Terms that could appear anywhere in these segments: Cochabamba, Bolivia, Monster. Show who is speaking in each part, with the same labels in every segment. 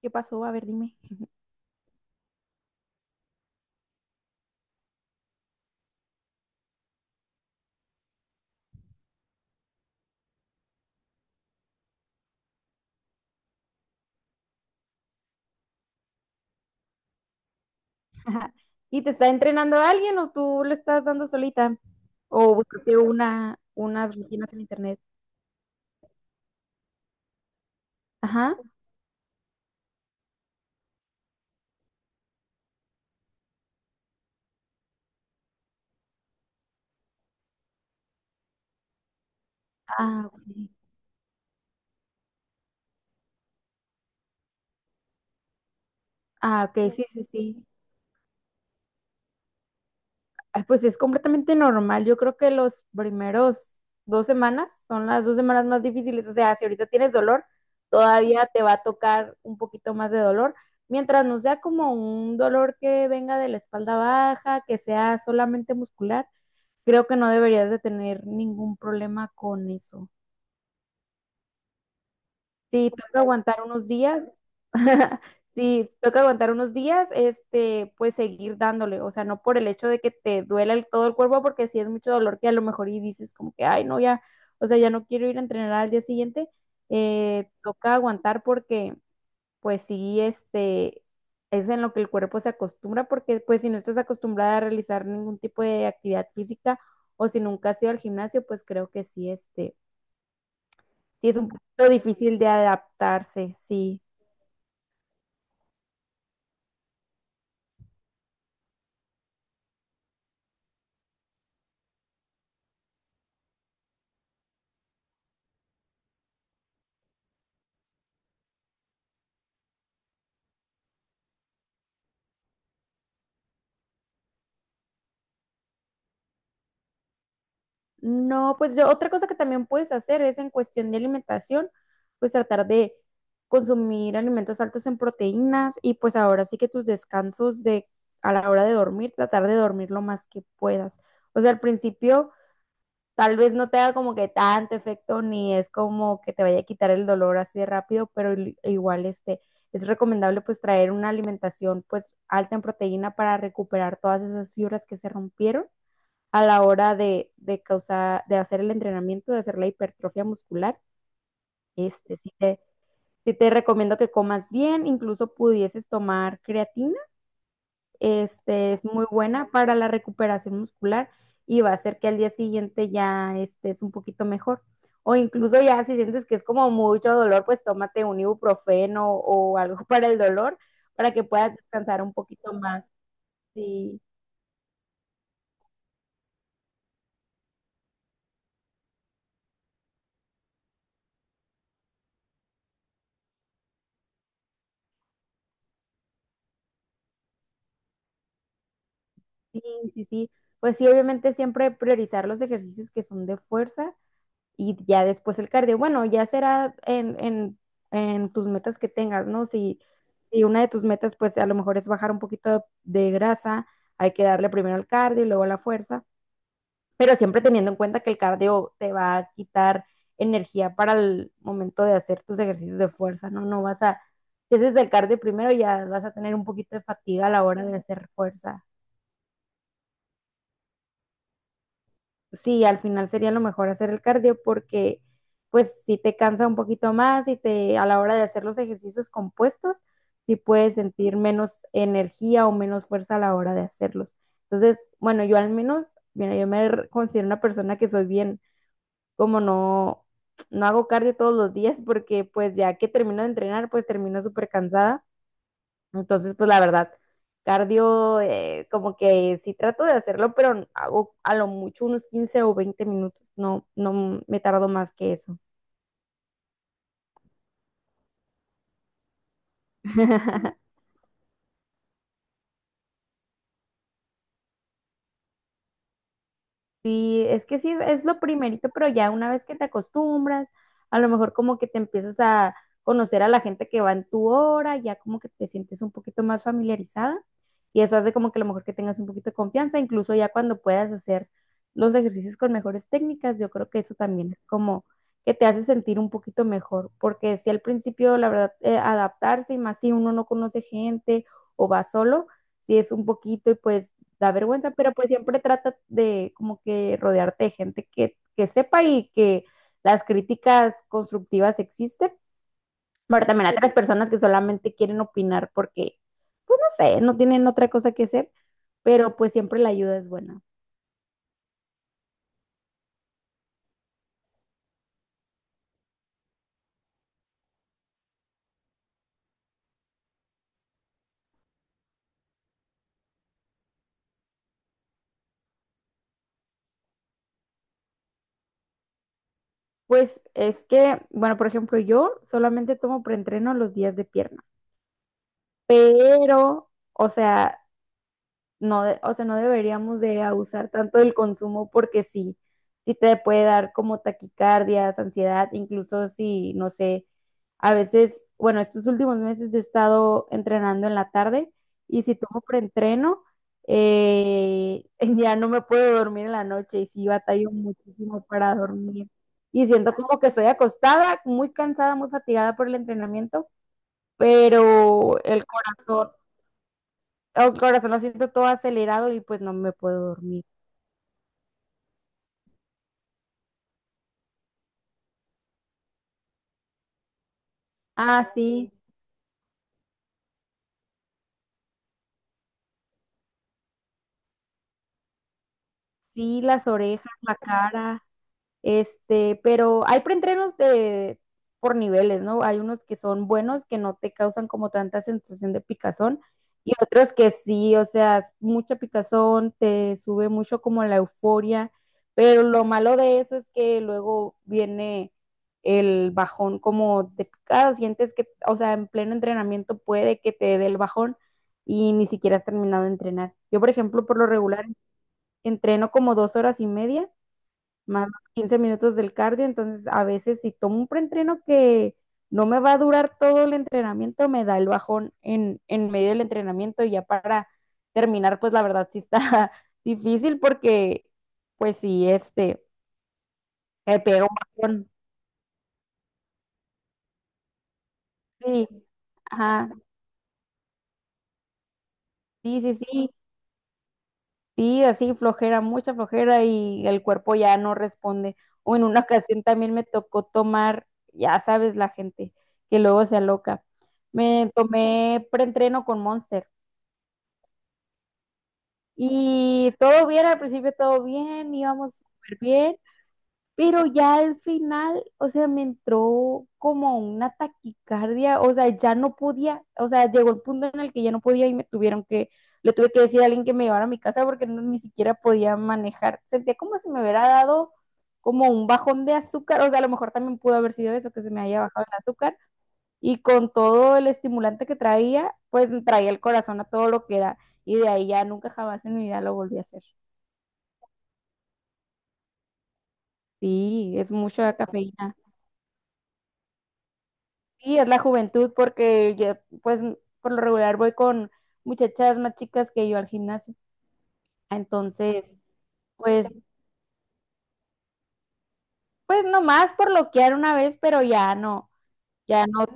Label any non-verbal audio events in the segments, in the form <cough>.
Speaker 1: ¿Qué pasó? A ver, dime. <laughs> ¿Y te está entrenando alguien o tú lo estás dando solita? ¿O buscaste unas rutinas en internet? Ajá. Ah, ok. Ah, ok, sí, sí, sí. Ah, pues es completamente normal. Yo creo que los primeros 2 semanas son las 2 semanas más difíciles. O sea, si ahorita tienes dolor, todavía te va a tocar un poquito más de dolor. Mientras no sea como un dolor que venga de la espalda baja, que sea solamente muscular, creo que no deberías de tener ningún problema con eso. Si toca aguantar unos días, <laughs> si toca aguantar unos días, este, pues seguir dándole, o sea, no por el hecho de que te duela todo el cuerpo, porque si es mucho dolor que a lo mejor y dices como que, ay, no, ya, o sea, ya no quiero ir a entrenar al día siguiente. Toca aguantar porque pues sí, este, es en lo que el cuerpo se acostumbra, porque pues si no estás acostumbrada a realizar ningún tipo de actividad física o si nunca has ido al gimnasio, pues creo que sí, este, sí es un poquito difícil de adaptarse, sí. No, pues yo, otra cosa que también puedes hacer es en cuestión de alimentación, pues tratar de consumir alimentos altos en proteínas y pues ahora sí que tus descansos de a la hora de dormir, tratar de dormir lo más que puedas. O sea, al principio tal vez no te haga como que tanto efecto, ni es como que te vaya a quitar el dolor así de rápido, pero igual este, es recomendable pues traer una alimentación pues alta en proteína para recuperar todas esas fibras que se rompieron a la hora de causar, de hacer el entrenamiento, de hacer la hipertrofia muscular. Este, sí te recomiendo que comas bien, incluso pudieses tomar creatina, este, es muy buena para la recuperación muscular y va a hacer que al día siguiente ya estés un poquito mejor. O incluso ya si sientes que es como mucho dolor, pues tómate un ibuprofeno o <laughs> algo para el dolor para que puedas descansar un poquito más. Sí, sí, sí, sí. Pues sí, obviamente siempre priorizar los ejercicios que son de fuerza y ya después el cardio. Bueno, ya será en, en tus metas que tengas, ¿no? Si, si una de tus metas, pues a lo mejor es bajar un poquito de grasa, hay que darle primero al cardio y luego a la fuerza, pero siempre teniendo en cuenta que el cardio te va a quitar energía para el momento de hacer tus ejercicios de fuerza, ¿no? Si haces el cardio primero ya vas a tener un poquito de fatiga a la hora de hacer fuerza. Sí, al final sería lo mejor hacer el cardio porque pues si te cansa un poquito más y te a la hora de hacer los ejercicios compuestos, sí puedes sentir menos energía o menos fuerza a la hora de hacerlos. Entonces, bueno, yo al menos, mira, yo me considero una persona que soy bien, como no, no hago cardio todos los días porque pues ya que termino de entrenar, pues termino súper cansada. Entonces, pues la verdad, cardio, como que sí trato de hacerlo, pero hago a lo mucho unos 15 o 20 minutos, no, no me tardo más que eso. <laughs> Sí, es que sí, es lo primerito, pero ya una vez que te acostumbras, a lo mejor como que te empiezas a conocer a la gente que va en tu hora, ya como que te sientes un poquito más familiarizada y eso hace como que a lo mejor que tengas un poquito de confianza, incluso ya cuando puedas hacer los ejercicios con mejores técnicas, yo creo que eso también es como que te hace sentir un poquito mejor, porque si al principio, la verdad, adaptarse y más si uno no conoce gente o va solo, si es un poquito y pues da vergüenza, pero pues siempre trata de como que rodearte de gente que sepa y que las críticas constructivas existen. Pero también hay otras personas que solamente quieren opinar porque, pues no sé, no tienen otra cosa que hacer, pero pues siempre la ayuda es buena. Pues es que, bueno, por ejemplo, yo solamente tomo preentreno los días de pierna, pero, o sea, no, o sea, no deberíamos de abusar tanto del consumo porque sí, sí te puede dar como taquicardias, ansiedad, incluso si, no sé, a veces, bueno, estos últimos meses yo he estado entrenando en la tarde y si tomo preentreno, <laughs> ya no me puedo dormir en la noche y sí batallo muchísimo para dormir. Y siento como que estoy acostada, muy cansada, muy fatigada por el entrenamiento, pero el corazón, oh, corazón, lo siento todo acelerado y pues no me puedo dormir. Ah, sí, sí, las orejas, la cara. Este, pero hay preentrenos de por niveles, ¿no? Hay unos que son buenos, que no te causan como tanta sensación de picazón, y otros que sí, o sea, es mucha picazón, te sube mucho como la euforia, pero lo malo de eso es que luego viene el bajón como de picado, sientes que, o sea, en pleno entrenamiento puede que te dé el bajón y ni siquiera has terminado de entrenar. Yo, por ejemplo, por lo regular entreno como 2 horas y media más los 15 minutos del cardio, entonces a veces si tomo un preentreno que no me va a durar todo el entrenamiento, me da el bajón en medio del entrenamiento y ya para terminar, pues la verdad sí está <laughs> difícil porque pues sí, este, me pega un bajón, sí, ajá, sí, sí, sí. Sí, así flojera, mucha flojera y el cuerpo ya no responde. O en una <laughs> ocasión también me tocó tomar, ya sabes, la gente que luego se aloca. Me tomé preentreno con Monster y todo bien, al principio todo bien, íbamos súper bien. Pero ya al final, o sea, me entró como una taquicardia, o sea, ya no podía, o sea, llegó el punto en el que ya no podía y le tuve que decir a alguien que me llevara a mi casa porque no, ni siquiera podía manejar. Sentía como si me hubiera dado como un bajón de azúcar, o sea, a lo mejor también pudo haber sido eso, que se me haya bajado el azúcar, y con todo el estimulante que traía, pues traía el corazón a todo lo que da, y de ahí ya nunca jamás en mi vida lo volví a hacer. Sí, es mucha cafeína. Sí, es la juventud porque yo, pues, por lo regular voy con muchachas más chicas que yo al gimnasio. Entonces, pues, pues nomás por loquear una vez, pero ya no, ya no,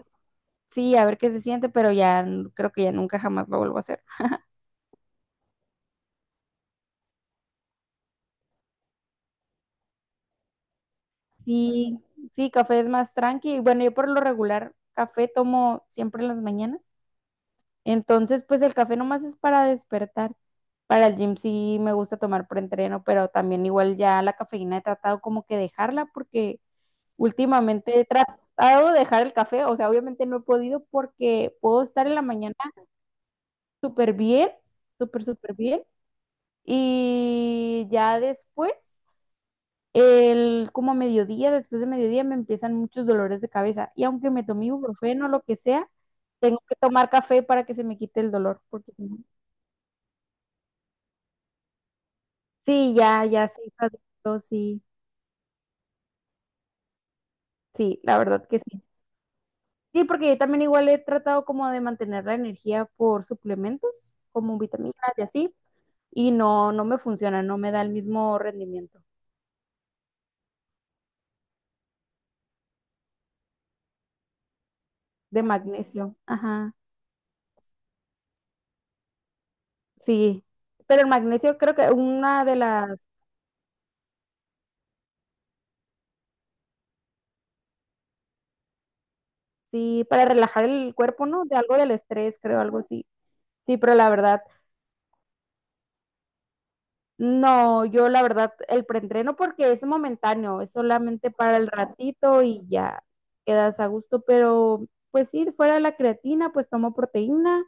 Speaker 1: sí, a ver qué se siente, pero ya creo que ya nunca jamás lo vuelvo a hacer. Sí, sí, café es más tranqui. Bueno, yo por lo regular café tomo siempre en las mañanas. Entonces, pues el café nomás es para despertar. Para el gym sí me gusta tomar preentreno, pero también igual ya la cafeína he tratado como que dejarla porque últimamente he tratado de dejar el café, o sea, obviamente no he podido porque puedo estar en la mañana súper bien, súper, súper bien. Y ya después, como a mediodía, después de mediodía me empiezan muchos dolores de cabeza. Y aunque me tomé ibuprofeno o lo que sea, tengo que tomar café para que se me quite el dolor. Porque si no- sí, ya, ya, sí, adicto, sí, sí, la verdad que sí. Sí, porque yo también igual he tratado como de mantener la energía por suplementos, como vitaminas y así, y no, no me funciona, no me da el mismo rendimiento de magnesio. Ajá, sí. Pero el magnesio creo que una de las, sí, para relajar el cuerpo, ¿no? De algo del estrés, creo, algo así. Sí, pero la verdad, no, yo la verdad, el preentreno porque es momentáneo, es solamente para el ratito y ya quedas a gusto, pero pues sí, fuera de la creatina, pues tomo proteína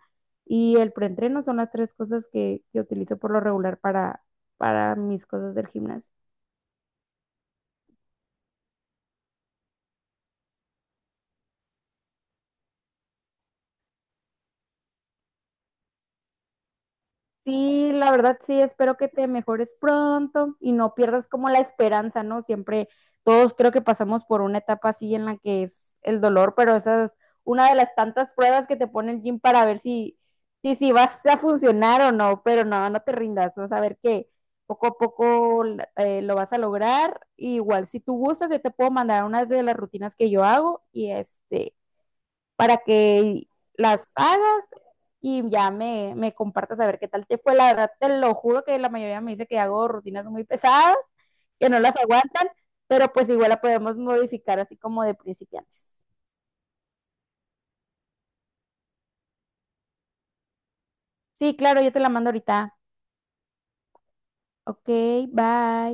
Speaker 1: y el preentreno son las tres cosas que utilizo por lo regular para, mis cosas del gimnasio. Sí, la verdad sí, espero que te mejores pronto y no pierdas como la esperanza, ¿no? Siempre todos creo que pasamos por una etapa así en la que es el dolor, pero esa es una de las tantas pruebas que te pone el gym para ver si, si vas a funcionar o no, pero no, no te rindas, vas a ver que poco a poco lo vas a lograr. Igual, si tú gustas, yo te puedo mandar una de las rutinas que yo hago y este, para que las hagas y ya me compartas a ver qué tal te fue. La verdad, te lo juro que la mayoría me dice que hago rutinas muy pesadas, que no las aguantan, pero pues igual la podemos modificar así como de principiantes. Sí, claro, yo te la mando ahorita. Ok, bye.